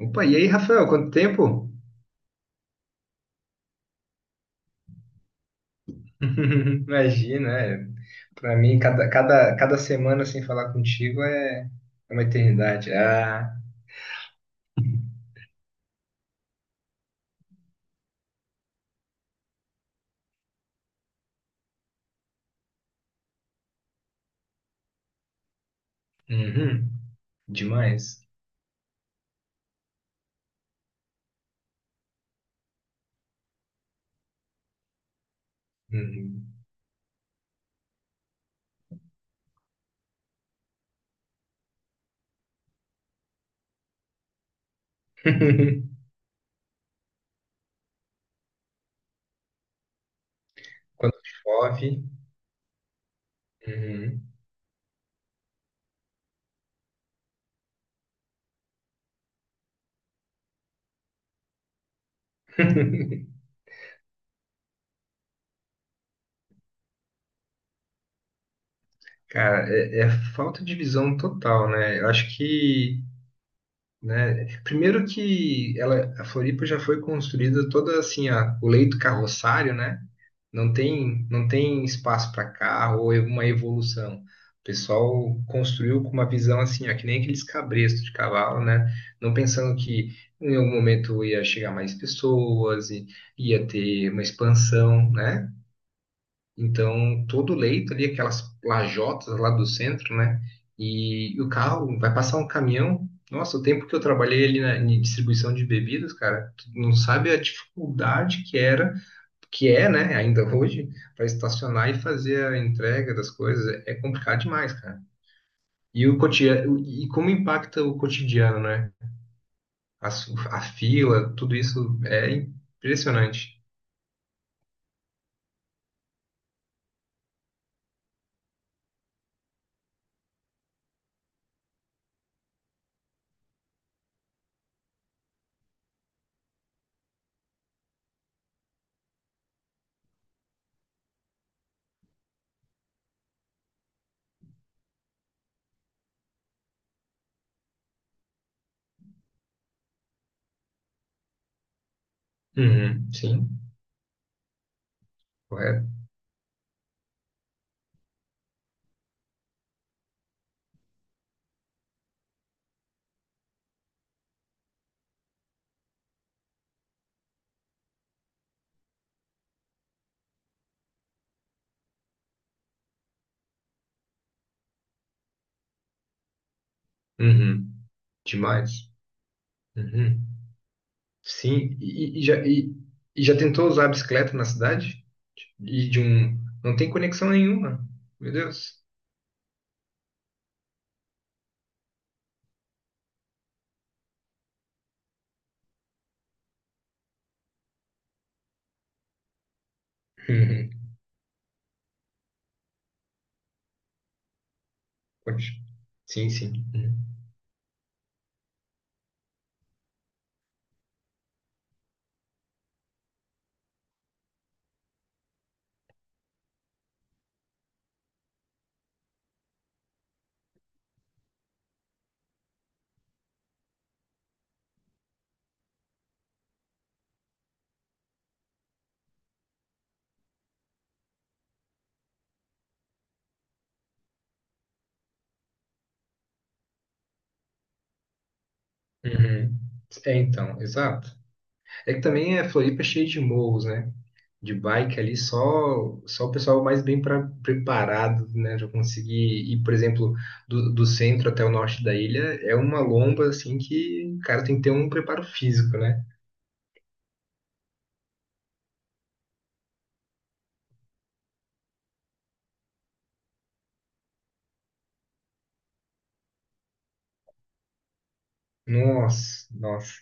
Opa, e aí, Rafael, quanto tempo? Imagina, é. Para mim, cada semana sem falar contigo é uma eternidade. Uhum, demais. Uhum. Quando chove. Uhum. Cara, é falta de visão total, né? Eu acho que né? Primeiro que a Floripa já foi construída toda assim, o leito carroçário, né? Não tem espaço para carro ou uma evolução. O pessoal construiu com uma visão assim, ó, que nem aqueles cabrestos de cavalo, né? Não pensando que em algum momento ia chegar mais pessoas e ia ter uma expansão, né? Então, todo o leito ali, aquelas lajotas lá do centro, né? E o carro vai passar um caminhão. Nossa, o tempo que eu trabalhei em distribuição de bebidas, cara, tu não sabe a dificuldade que era, que é, né, ainda hoje, para estacionar e fazer a entrega das coisas. É complicado demais, cara. E o cotidiano, e como impacta o cotidiano, né? A fila, tudo isso é impressionante. Uhum, sim, correto. Uhum, demais. Uhum. Sim, e já tentou usar a bicicleta na cidade? E de um. Não tem conexão nenhuma. Meu Deus. Uhum. Pode. Sim, sim. Uhum. Uhum. É, então, exato. É que também a Floripa é cheia de morros, né? De bike ali, só o pessoal mais preparado, né? Já conseguir ir, por exemplo, do centro até o norte da ilha, é uma lomba, assim, que o cara tem que ter um preparo físico, né? Nossa, nossa.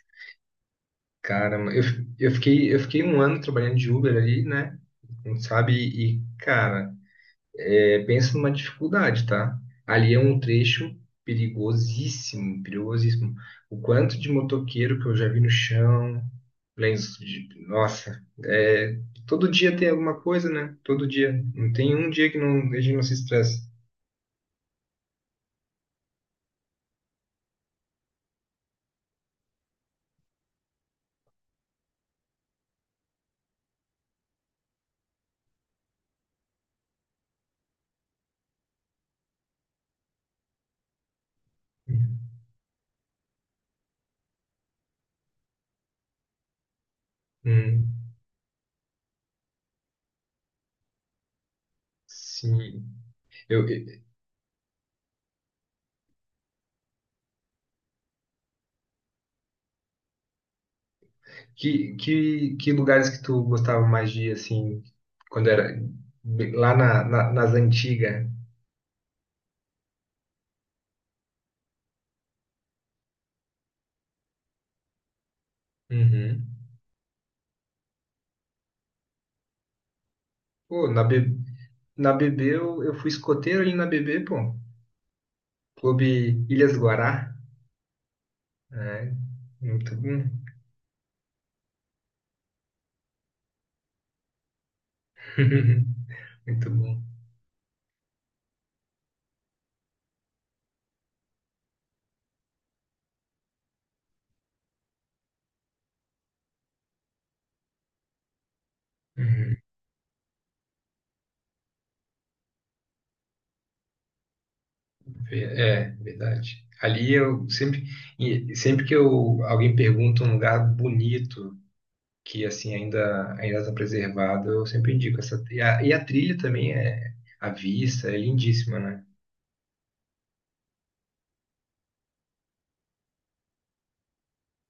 Cara, eu, eu fiquei, eu fiquei um ano trabalhando de Uber ali, né? Não sabe? E, cara, é, pensa numa dificuldade, tá? Ali é um trecho perigosíssimo, perigosíssimo. O quanto de motoqueiro que eu já vi no chão, lenço de... Nossa, é, todo dia tem alguma coisa, né? Todo dia. Não tem um dia que não, a gente não se estresse. Hum, sim. Eu, que lugares que tu gostava mais de ir, assim, quando era lá nas antigas? Uhum. Pô, na BB eu fui escoteiro ali na BB, pô. Clube Ilhas Guará. É, muito bom. Muito bom. Uhum. É, verdade. Ali eu sempre, e sempre que eu, alguém pergunta um lugar bonito, que assim ainda está preservado, eu sempre indico essa. E a trilha também é a vista, é lindíssima, né?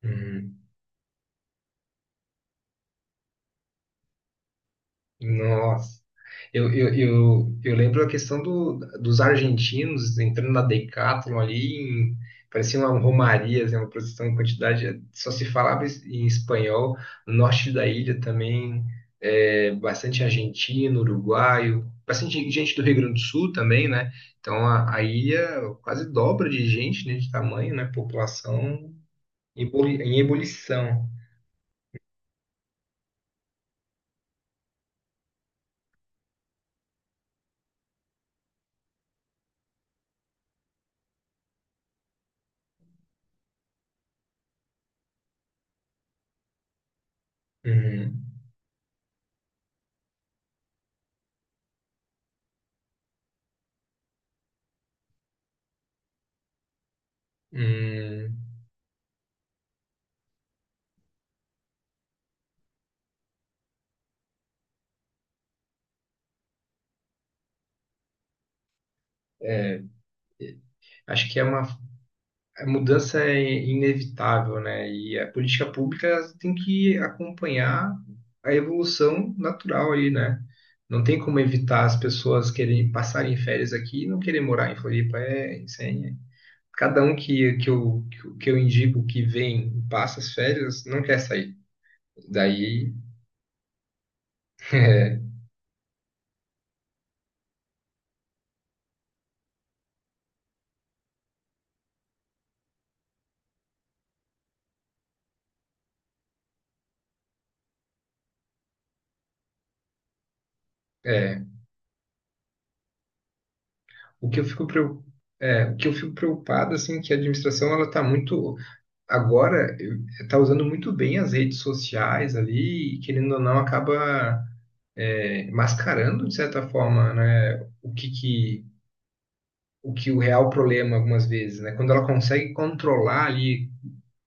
Uhum. Nossa. Eu lembro a questão dos argentinos entrando na Decathlon ali, em, parecia uma romaria, assim, uma produção em quantidade, só se falava em espanhol. No norte da ilha também, é, bastante argentino, uruguaio, bastante gente do Rio Grande do Sul também, né? Então a ilha quase dobra de gente, né, de tamanho, né? População em ebulição. Uhum. Hum. É, acho que é uma a mudança é inevitável, né? E a política pública ela tem que acompanhar a evolução natural aí, né? Não tem como evitar as pessoas querem passarem férias aqui e não querer morar em Floripa. É, isso aí é. Cada um que eu indico que vem e passa as férias não quer sair. Daí, é, é, o que eu fico preocupado. É, o que eu fico preocupado, assim, é que a administração ela está muito agora está usando muito bem as redes sociais ali, e, querendo ou não, acaba é, mascarando, de certa forma, né, o que o real problema algumas vezes, né? Quando ela consegue controlar ali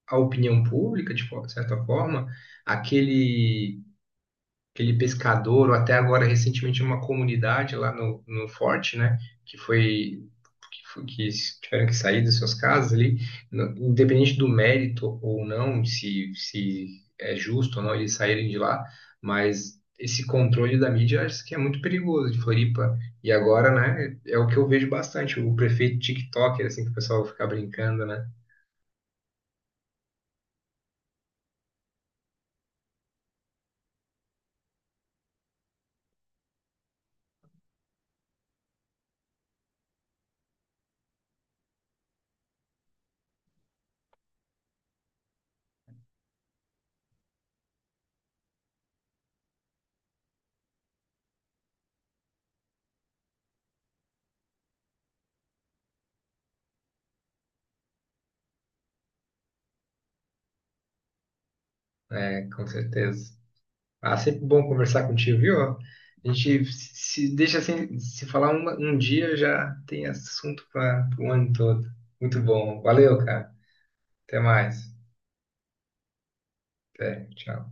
a opinião pública, de de certa forma, aquele aquele pescador, ou até agora recentemente uma comunidade lá no forte, né? Que foi, que tiveram que sair das suas casas ali, independente do mérito ou não, se é justo ou não eles saírem de lá, mas esse controle da mídia acho que é muito perigoso de Floripa. E agora, né, é o que eu vejo bastante, o prefeito TikToker, assim que o pessoal fica brincando, né? É, com certeza. Ah, sempre bom conversar contigo, viu? A gente se deixa assim, se falar um dia já tem assunto para o ano todo. Muito bom. Valeu, cara. Até mais. Até, tchau.